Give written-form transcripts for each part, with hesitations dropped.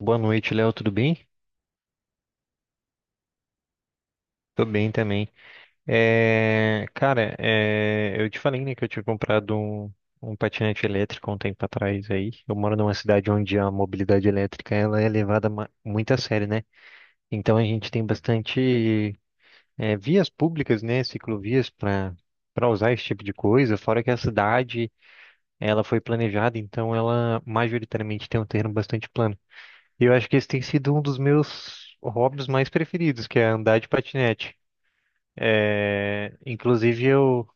Boa noite, Léo, tudo bem? Tô bem também. Cara, eu te falei, né, que eu tinha comprado um patinete elétrico um tempo atrás aí. Eu moro numa cidade onde a mobilidade elétrica ela é levada muito a sério, né? Então a gente tem bastante vias públicas, né, ciclovias para para usar esse tipo de coisa. Fora que a cidade ela foi planejada, então ela majoritariamente tem um terreno bastante plano. E eu acho que esse tem sido um dos meus hobbies mais preferidos, que é andar de patinete. Inclusive,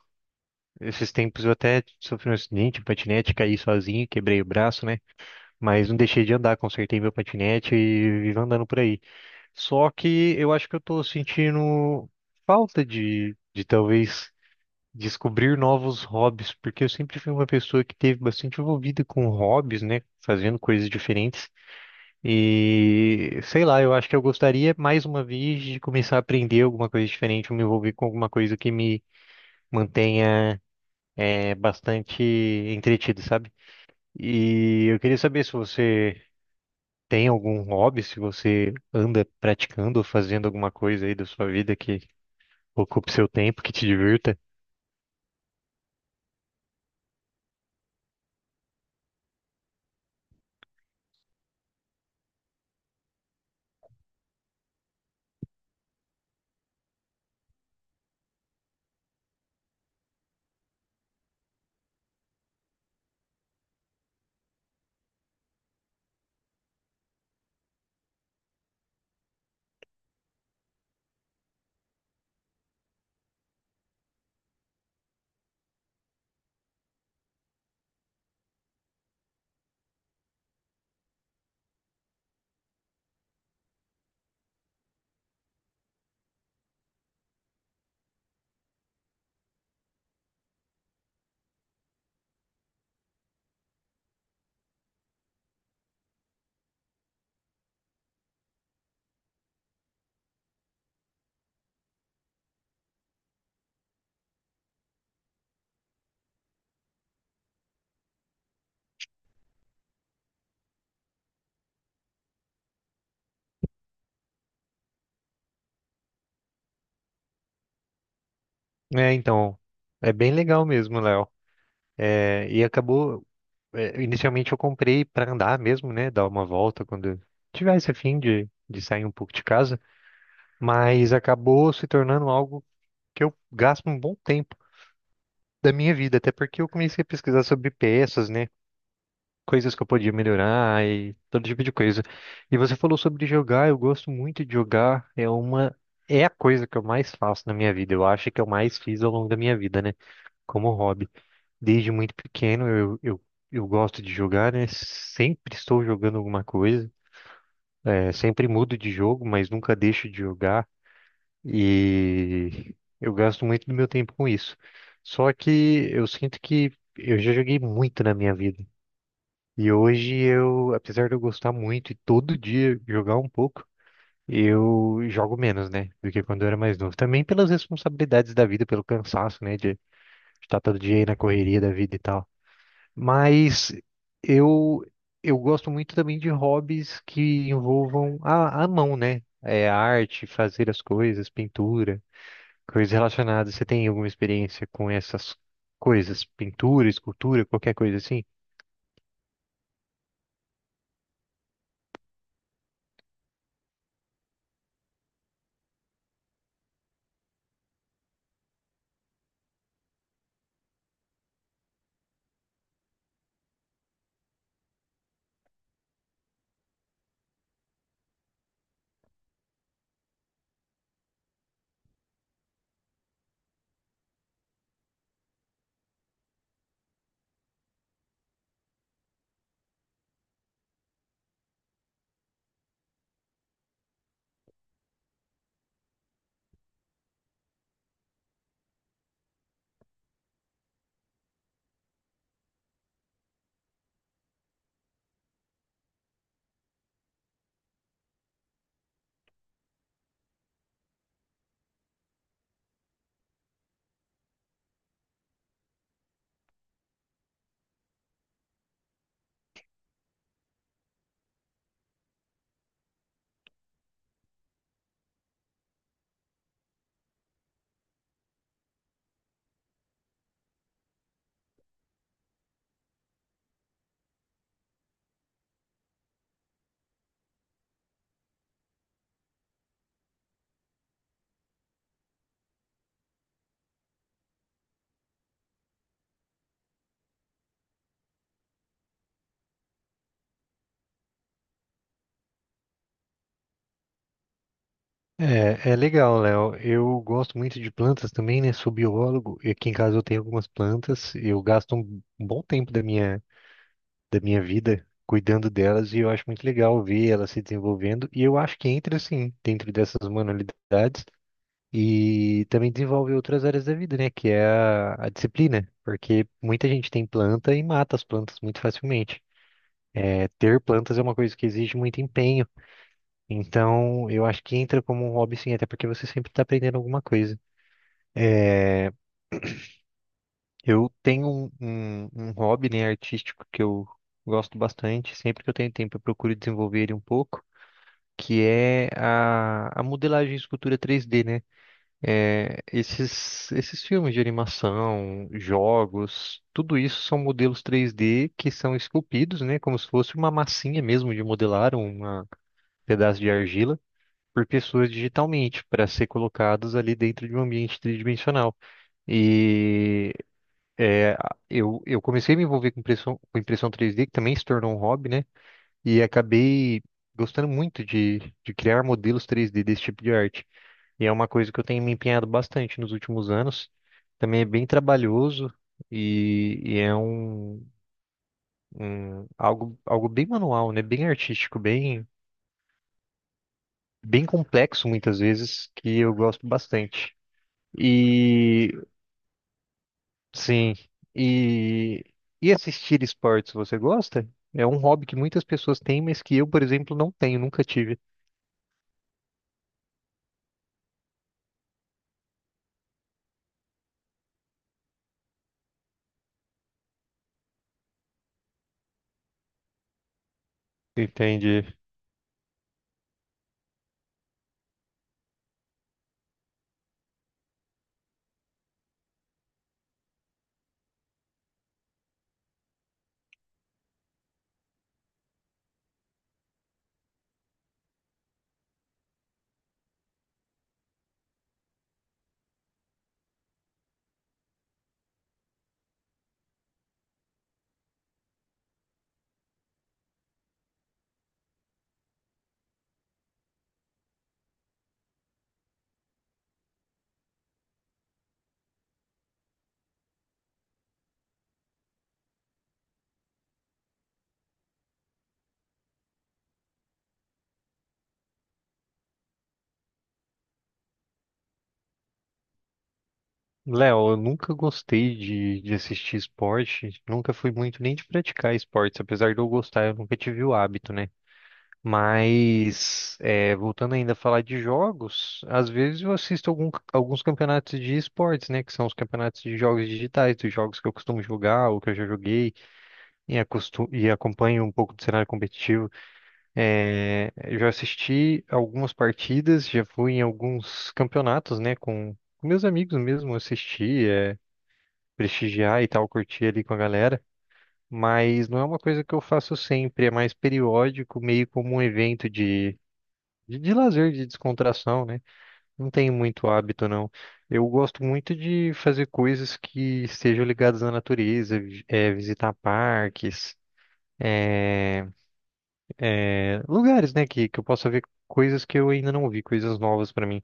esses tempos eu até sofri um acidente, um patinete, caí sozinho, quebrei o braço, né? Mas não deixei de andar, consertei meu patinete e vivo andando por aí. Só que eu acho que eu tô sentindo falta de talvez descobrir novos hobbies, porque eu sempre fui uma pessoa que teve bastante envolvida com hobbies, né? Fazendo coisas diferentes. E sei lá, eu acho que eu gostaria mais uma vez de começar a aprender alguma coisa diferente, me envolver com alguma coisa que me mantenha bastante entretido, sabe? E eu queria saber se você tem algum hobby, se você anda praticando ou fazendo alguma coisa aí da sua vida que ocupe seu tempo, que te divirta. Então, é bem legal mesmo, Léo. É, e acabou. Inicialmente eu comprei para andar mesmo, né? Dar uma volta quando eu tivesse a fim de sair um pouco de casa. Mas acabou se tornando algo que eu gasto um bom tempo da minha vida, até porque eu comecei a pesquisar sobre peças, né? Coisas que eu podia melhorar e todo tipo de coisa. E você falou sobre jogar, eu gosto muito de jogar, é uma. É a coisa que eu mais faço na minha vida, eu acho que eu mais fiz ao longo da minha vida, né? Como hobby. Desde muito pequeno eu gosto de jogar, né? Sempre estou jogando alguma coisa. É, sempre mudo de jogo, mas nunca deixo de jogar. E eu gasto muito do meu tempo com isso. Só que eu sinto que eu já joguei muito na minha vida. E hoje eu, apesar de eu gostar muito e todo dia jogar um pouco, eu jogo menos, né? Do que quando eu era mais novo. Também pelas responsabilidades da vida, pelo cansaço, né? De estar todo dia aí na correria da vida e tal. Mas eu eu gosto muito também de hobbies que envolvam a mão, né? É arte, fazer as coisas, pintura, coisas relacionadas. Você tem alguma experiência com essas coisas? Pintura, escultura, qualquer coisa assim? É, é legal, Léo. Eu gosto muito de plantas também, né? Sou biólogo e aqui em casa eu tenho algumas plantas. Eu gasto um bom tempo da minha vida cuidando delas e eu acho muito legal ver elas se desenvolvendo e eu acho que entra assim dentro dessas manualidades e também desenvolve outras áreas da vida, né, que é a disciplina, porque muita gente tem planta e mata as plantas muito facilmente. É, ter plantas é uma coisa que exige muito empenho, então eu acho que entra como um hobby sim, até porque você sempre está aprendendo alguma coisa. Eu tenho um hobby, né, artístico que eu gosto bastante, sempre que eu tenho tempo eu procuro desenvolver ele um pouco. Que é a modelagem de escultura 3D, né? Esses filmes de animação, jogos, tudo isso são modelos 3D que são esculpidos, né? Como se fosse uma massinha mesmo de modelar, um pedaço de argila. Por pessoas digitalmente, para ser colocados ali dentro de um ambiente tridimensional. E é, eu comecei a me envolver com impressão 3D, que também se tornou um hobby, né? E acabei gostando muito de criar modelos 3D desse tipo de arte. E é uma coisa que eu tenho me empenhado bastante nos últimos anos. Também é bem trabalhoso e, e é um, algo, algo bem manual, né? Bem artístico, bem, bem complexo muitas vezes, que eu gosto bastante. E sim, e, e assistir esportes você gosta? É um hobby que muitas pessoas têm, mas que eu, por exemplo, não tenho, nunca tive. Entendi. Léo, eu nunca gostei de assistir esporte, nunca fui muito nem de praticar esportes, apesar de eu gostar, eu nunca tive o hábito, né? Mas, é, voltando ainda a falar de jogos, às vezes eu assisto alguns campeonatos de esportes, né? Que são os campeonatos de jogos digitais, dos jogos que eu costumo jogar ou que eu já joguei e acompanho um pouco do cenário competitivo. É, eu já assisti algumas partidas, já fui em alguns campeonatos, né? Com meus amigos mesmo, assisti. É, prestigiar e tal, curtir ali com a galera, mas não é uma coisa que eu faço sempre, é mais periódico, meio como um evento de lazer, de descontração, né? Não tenho muito hábito, não. Eu gosto muito de fazer coisas que estejam ligadas à natureza, visitar parques, lugares, né, que eu possa ver coisas que eu ainda não vi, coisas novas para mim.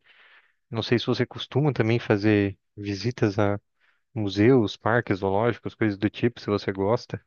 Não sei se você costuma também fazer visitas a museus, parques, zoológicos, coisas do tipo, se você gosta.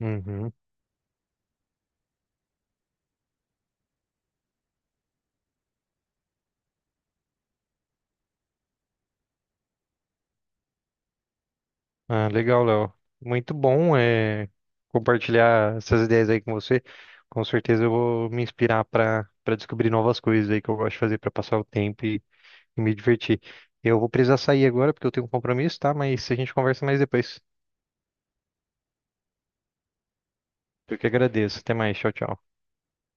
Uhum. Ah, legal, Léo. Muito bom é, compartilhar essas ideias aí com você. Com certeza eu vou me inspirar para para descobrir novas coisas aí que eu gosto de fazer para passar o tempo e me divertir. Eu vou precisar sair agora porque eu tenho um compromisso, tá? Mas a gente conversa mais depois. Eu que agradeço. Até mais. Tchau, tchau.